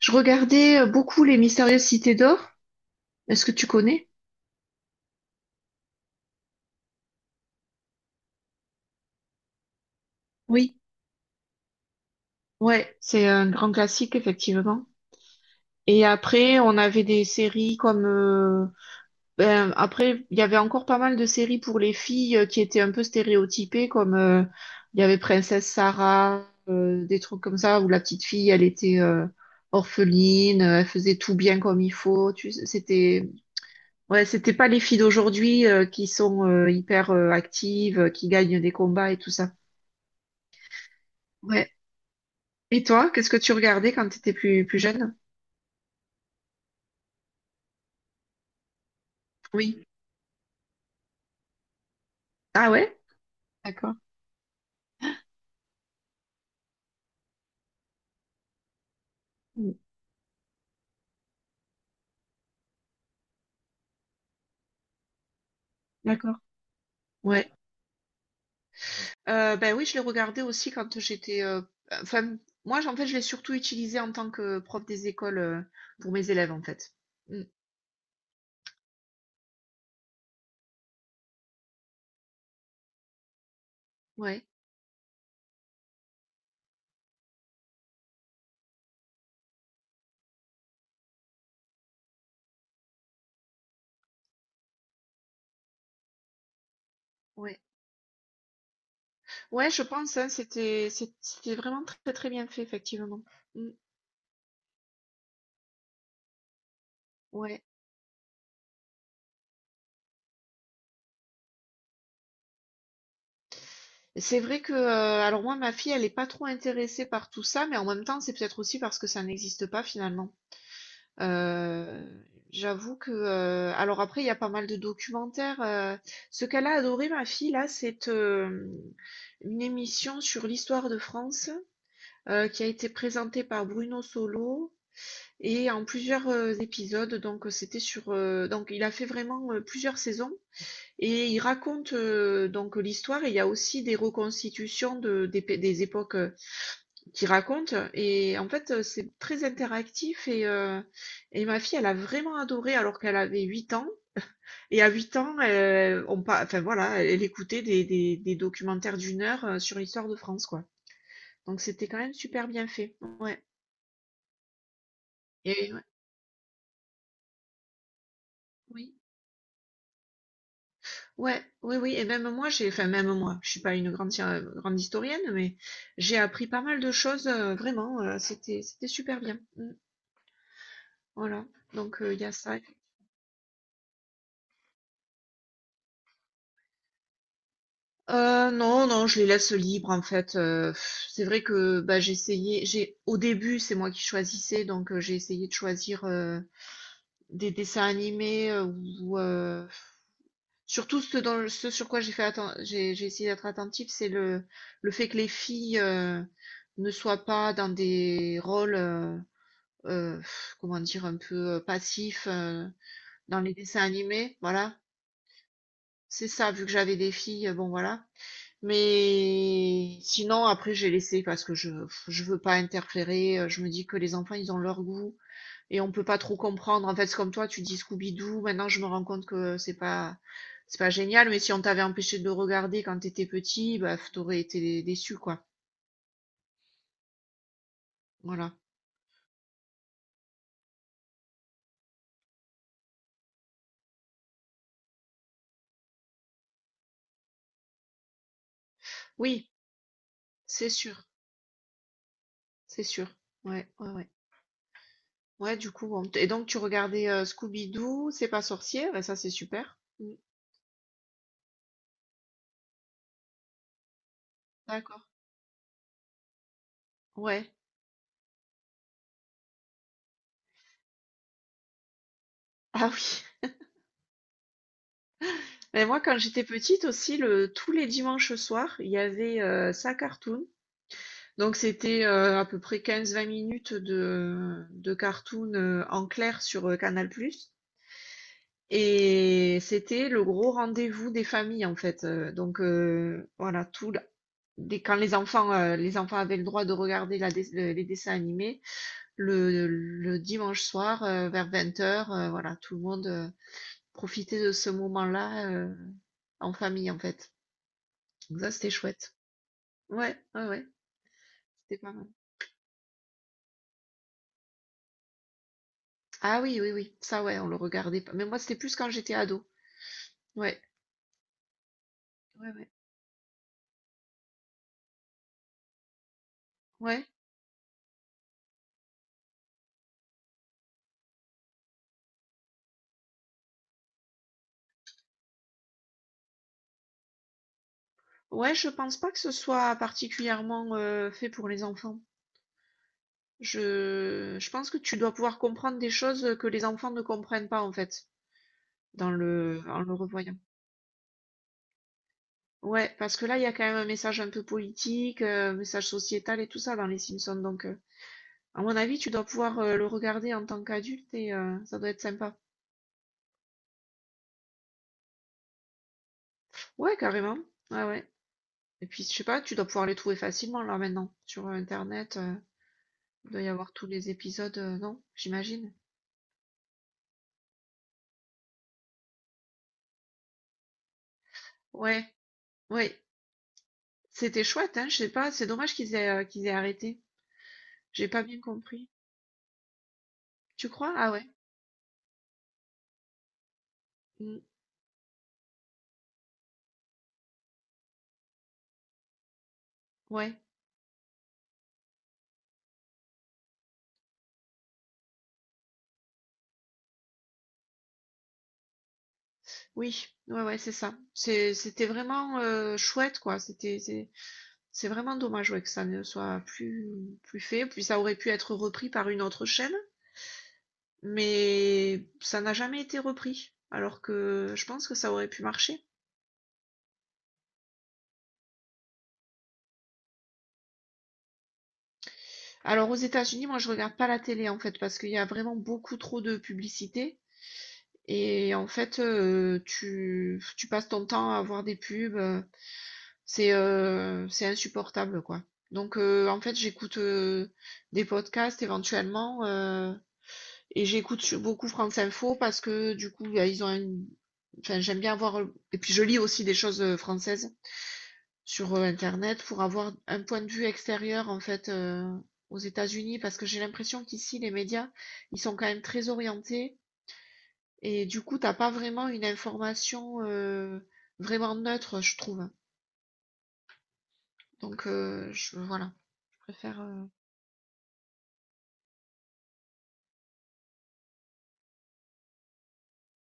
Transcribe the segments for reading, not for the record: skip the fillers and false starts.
Je regardais beaucoup Les Mystérieuses Cités d'Or. Est-ce que tu connais? Oui. Ouais, c'est un grand classique, effectivement. Et après, on avait des séries comme ben, après, il y avait encore pas mal de séries pour les filles, qui étaient un peu stéréotypées, comme il y avait Princesse Sarah, des trucs comme ça, où la petite fille, elle était orpheline, elle faisait tout bien comme il faut. Tu sais, Ouais, c'était pas les filles d'aujourd'hui, qui sont, hyper, actives, qui gagnent des combats et tout ça. Ouais. Et toi, qu'est-ce que tu regardais quand tu étais plus jeune? Oui. Ah ouais? D'accord. Mm. D'accord. Ouais. Ben oui, je l'ai regardé aussi quand j'étais. Enfin, moi, en fait, je l'ai surtout utilisé en tant que prof des écoles, pour mes élèves, en fait. Mm. Ouais, ouais. Ouais, je pense, hein, c'était vraiment très, très bien fait, effectivement. Mm. Ouais. C'est vrai que, alors moi, ma fille, elle est pas trop intéressée par tout ça, mais en même temps, c'est peut-être aussi parce que ça n'existe pas finalement. Heu, J'avoue que, alors après, il y a pas mal de documentaires. Ce qu'elle a adoré, ma fille là, c'est, une émission sur l'histoire de France, qui a été présentée par Bruno Solo et en plusieurs, épisodes. Donc c'était sur, donc il a fait vraiment, plusieurs saisons, et il raconte, donc l'histoire, et il y a aussi des reconstitutions de des pé des époques, qui raconte. Et en fait, c'est très interactif, et ma fille, elle a vraiment adoré alors qu'elle avait 8 ans. Et à 8 ans, enfin voilà, elle écoutait des documentaires d'1 heure, sur l'histoire de France, quoi. Donc c'était quand même super bien fait. Ouais. Et, ouais. Oui. Ouais, oui, oui. Et même moi, enfin même moi, je suis pas une grande, grande historienne, mais j'ai appris pas mal de choses, vraiment. C'était super bien. Mm. Voilà. Donc il y a ça. Non, non, je les laisse libres en fait. C'est vrai que, bah, j'ai essayé. J'ai Au début, c'est moi qui choisissais, donc j'ai essayé de choisir, des dessins animés, ou surtout ce dans ce sur quoi j'ai essayé d'être attentive, c'est le fait que les filles, ne soient pas dans des rôles, heu, comment dire? Un peu, passifs, dans les dessins animés, voilà. C'est ça, vu que j'avais des filles, bon voilà. Mais sinon, après, j'ai laissé parce que je veux pas interférer. Je me dis que les enfants, ils ont leur goût, et on peut pas trop comprendre. En fait, c'est comme toi, tu dis Scooby-Doo. Maintenant, je me rends compte que c'est pas génial. Mais si on t'avait empêché de le regarder quand t'étais petit, bah, t'aurais été déçu, quoi. Voilà. Oui, c'est sûr, c'est sûr. Ouais, ouais, ouais. Ouais, du coup, bon. Et donc, tu regardais, Scooby-Doo, c'est pas sorcier. Bah, ça, c'est super. Mm. D'accord. Ouais. Ah oui. Mais moi, quand j'étais petite aussi, tous les dimanches soirs, il y avait, ça cartoon. Donc, c'était, à peu près 15 20 minutes de cartoon, en clair sur, Canal+. Et c'était le gros rendez-vous des familles, en fait. Donc, voilà, dès, quand les enfants, avaient le droit de regarder les dessins animés, le dimanche soir, vers 20 heures, voilà, tout le monde, profitait de ce moment-là, en famille, en fait. Donc ça, c'était chouette. Ouais, ouais, ouais, c'était pas mal. Ah oui, oui, oui, ça, ouais, on le regardait pas. Mais moi, c'était plus quand j'étais ado. Ouais, ouais, ouais. Ouais, ouais, je pense pas que ce soit particulièrement, fait pour les enfants. Je pense que tu dois pouvoir comprendre des choses que les enfants ne comprennent pas, en fait, en le revoyant. Ouais, parce que là, il y a quand même un message un peu politique, message sociétal et tout ça dans les Simpsons. Donc, à mon avis, tu dois pouvoir, le regarder en tant qu'adulte, et ça doit être sympa. Ouais, carrément. Ouais, ouais. Et puis, je sais pas, tu dois pouvoir les trouver facilement là maintenant sur, internet. Il doit y avoir tous les épisodes, non? J'imagine. Ouais, ouais. C'était chouette, hein. Je sais pas, c'est dommage qu'ils aient arrêté. J'ai pas bien compris. Tu crois? Ah ouais. Mm, ouais. Oui. Ouais, ouais, c'est ça. C'était vraiment, chouette, quoi. C'est vraiment dommage, ouais, que ça ne soit plus fait. Puis ça aurait pu être repris par une autre chaîne, mais ça n'a jamais été repris. Alors que je pense que ça aurait pu marcher. Alors aux États-Unis, moi je regarde pas la télé en fait, parce qu'il y a vraiment beaucoup trop de publicité, et en fait, tu passes ton temps à voir des pubs. C'est insupportable, quoi. Donc en fait j'écoute, des podcasts éventuellement, et j'écoute beaucoup France Info, parce que du coup bah, ils ont une... enfin j'aime bien voir. Et puis je lis aussi des choses, françaises sur, internet, pour avoir un point de vue extérieur en fait, aux États-Unis, parce que j'ai l'impression qu'ici les médias, ils sont quand même très orientés, et du coup, t'as pas vraiment une information, vraiment neutre, je trouve. Donc je voilà, je préfère,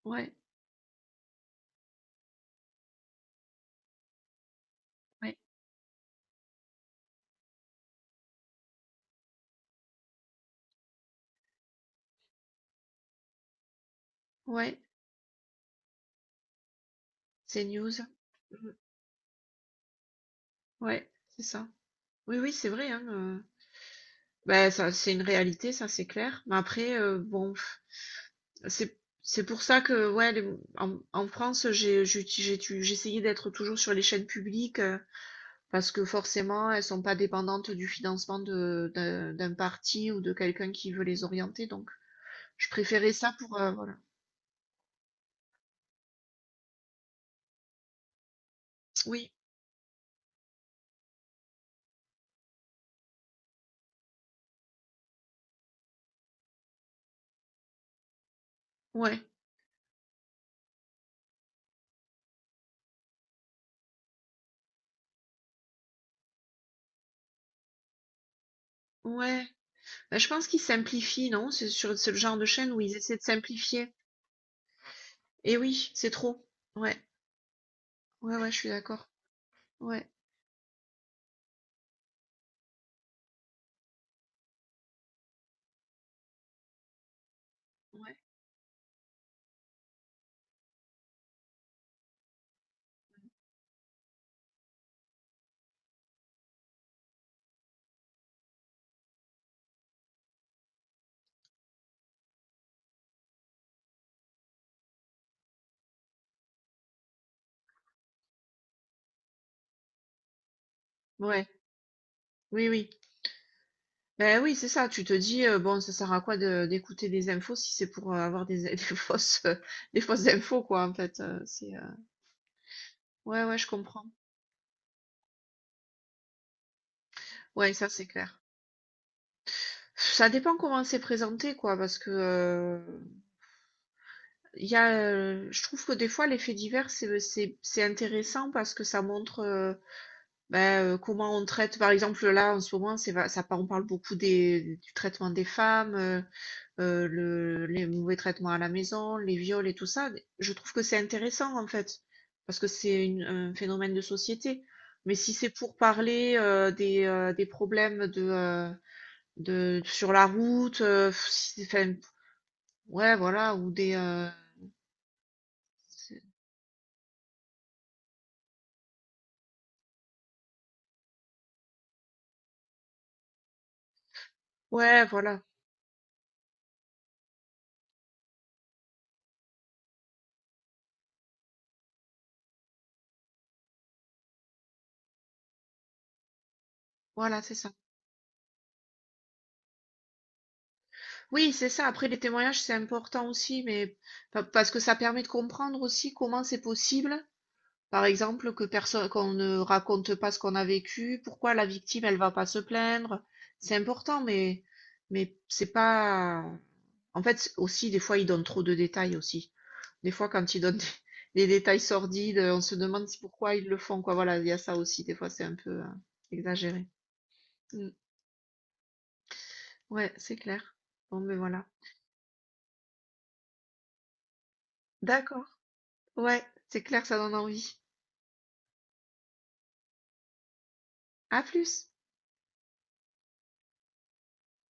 ouais, ouais, ouais. CNews. Mmh. Ouais, c'est ça. Oui, oui, c'est vrai, hein, bah, ça, c'est une réalité, ça, c'est clair. Mais après, bon. C'est c'est pour ça que ouais, en France, j'ai essayé d'être toujours sur les chaînes publiques, parce que forcément, elles sont pas dépendantes du financement d'un parti ou de quelqu'un qui veut les orienter. Donc, je préférais ça pour, voilà. Oui, ouais, ouais. Ben, je pense qu'ils simplifient, non? C'est le genre de chaîne où ils essaient de simplifier. Et oui, c'est trop. Ouais, ouais, ouais, je suis d'accord. Ouais, ouais, ouais. Oui, oui. Beh, oui, c'est ça, tu te dis: «Bon, ça sert à quoi de d'écouter des infos, si c'est pour, avoir des des fausses infos», quoi, en fait, ouais, ouais, je comprends. Ouais, ça, c'est clair. Ça dépend comment c'est présenté, quoi, parce que, je trouve que des fois les faits divers, c'est intéressant parce que ça montre, bah, comment on traite. Par exemple, là, en ce moment, c'est va ça on parle beaucoup des du traitement des femmes, les mauvais traitements à la maison, les viols et tout ça, je trouve que c'est intéressant en fait, parce que c'est un phénomène de société. Mais si c'est pour parler, des problèmes de sur la route, enfin, ouais, voilà, ou c'est- ouais, voilà, voilà, c'est ça. Oui, c'est ça. Après, les témoignages, c'est important aussi, mais parce que ça permet de comprendre aussi comment c'est possible. Par exemple, que personne, qu'on ne raconte pas ce qu'on a vécu. Pourquoi la victime, elle va pas se plaindre? C'est important, mais c'est pas. En fait, aussi, des fois, ils donnent trop de détails aussi. Des fois, quand ils donnent des, détails sordides, on se demande pourquoi ils le font, quoi. Voilà, il y a ça aussi. Des fois, c'est un peu, exagéré. Mm. Ouais, c'est clair. Bon, mais voilà. D'accord. Ouais, c'est clair, ça donne envie. À plus.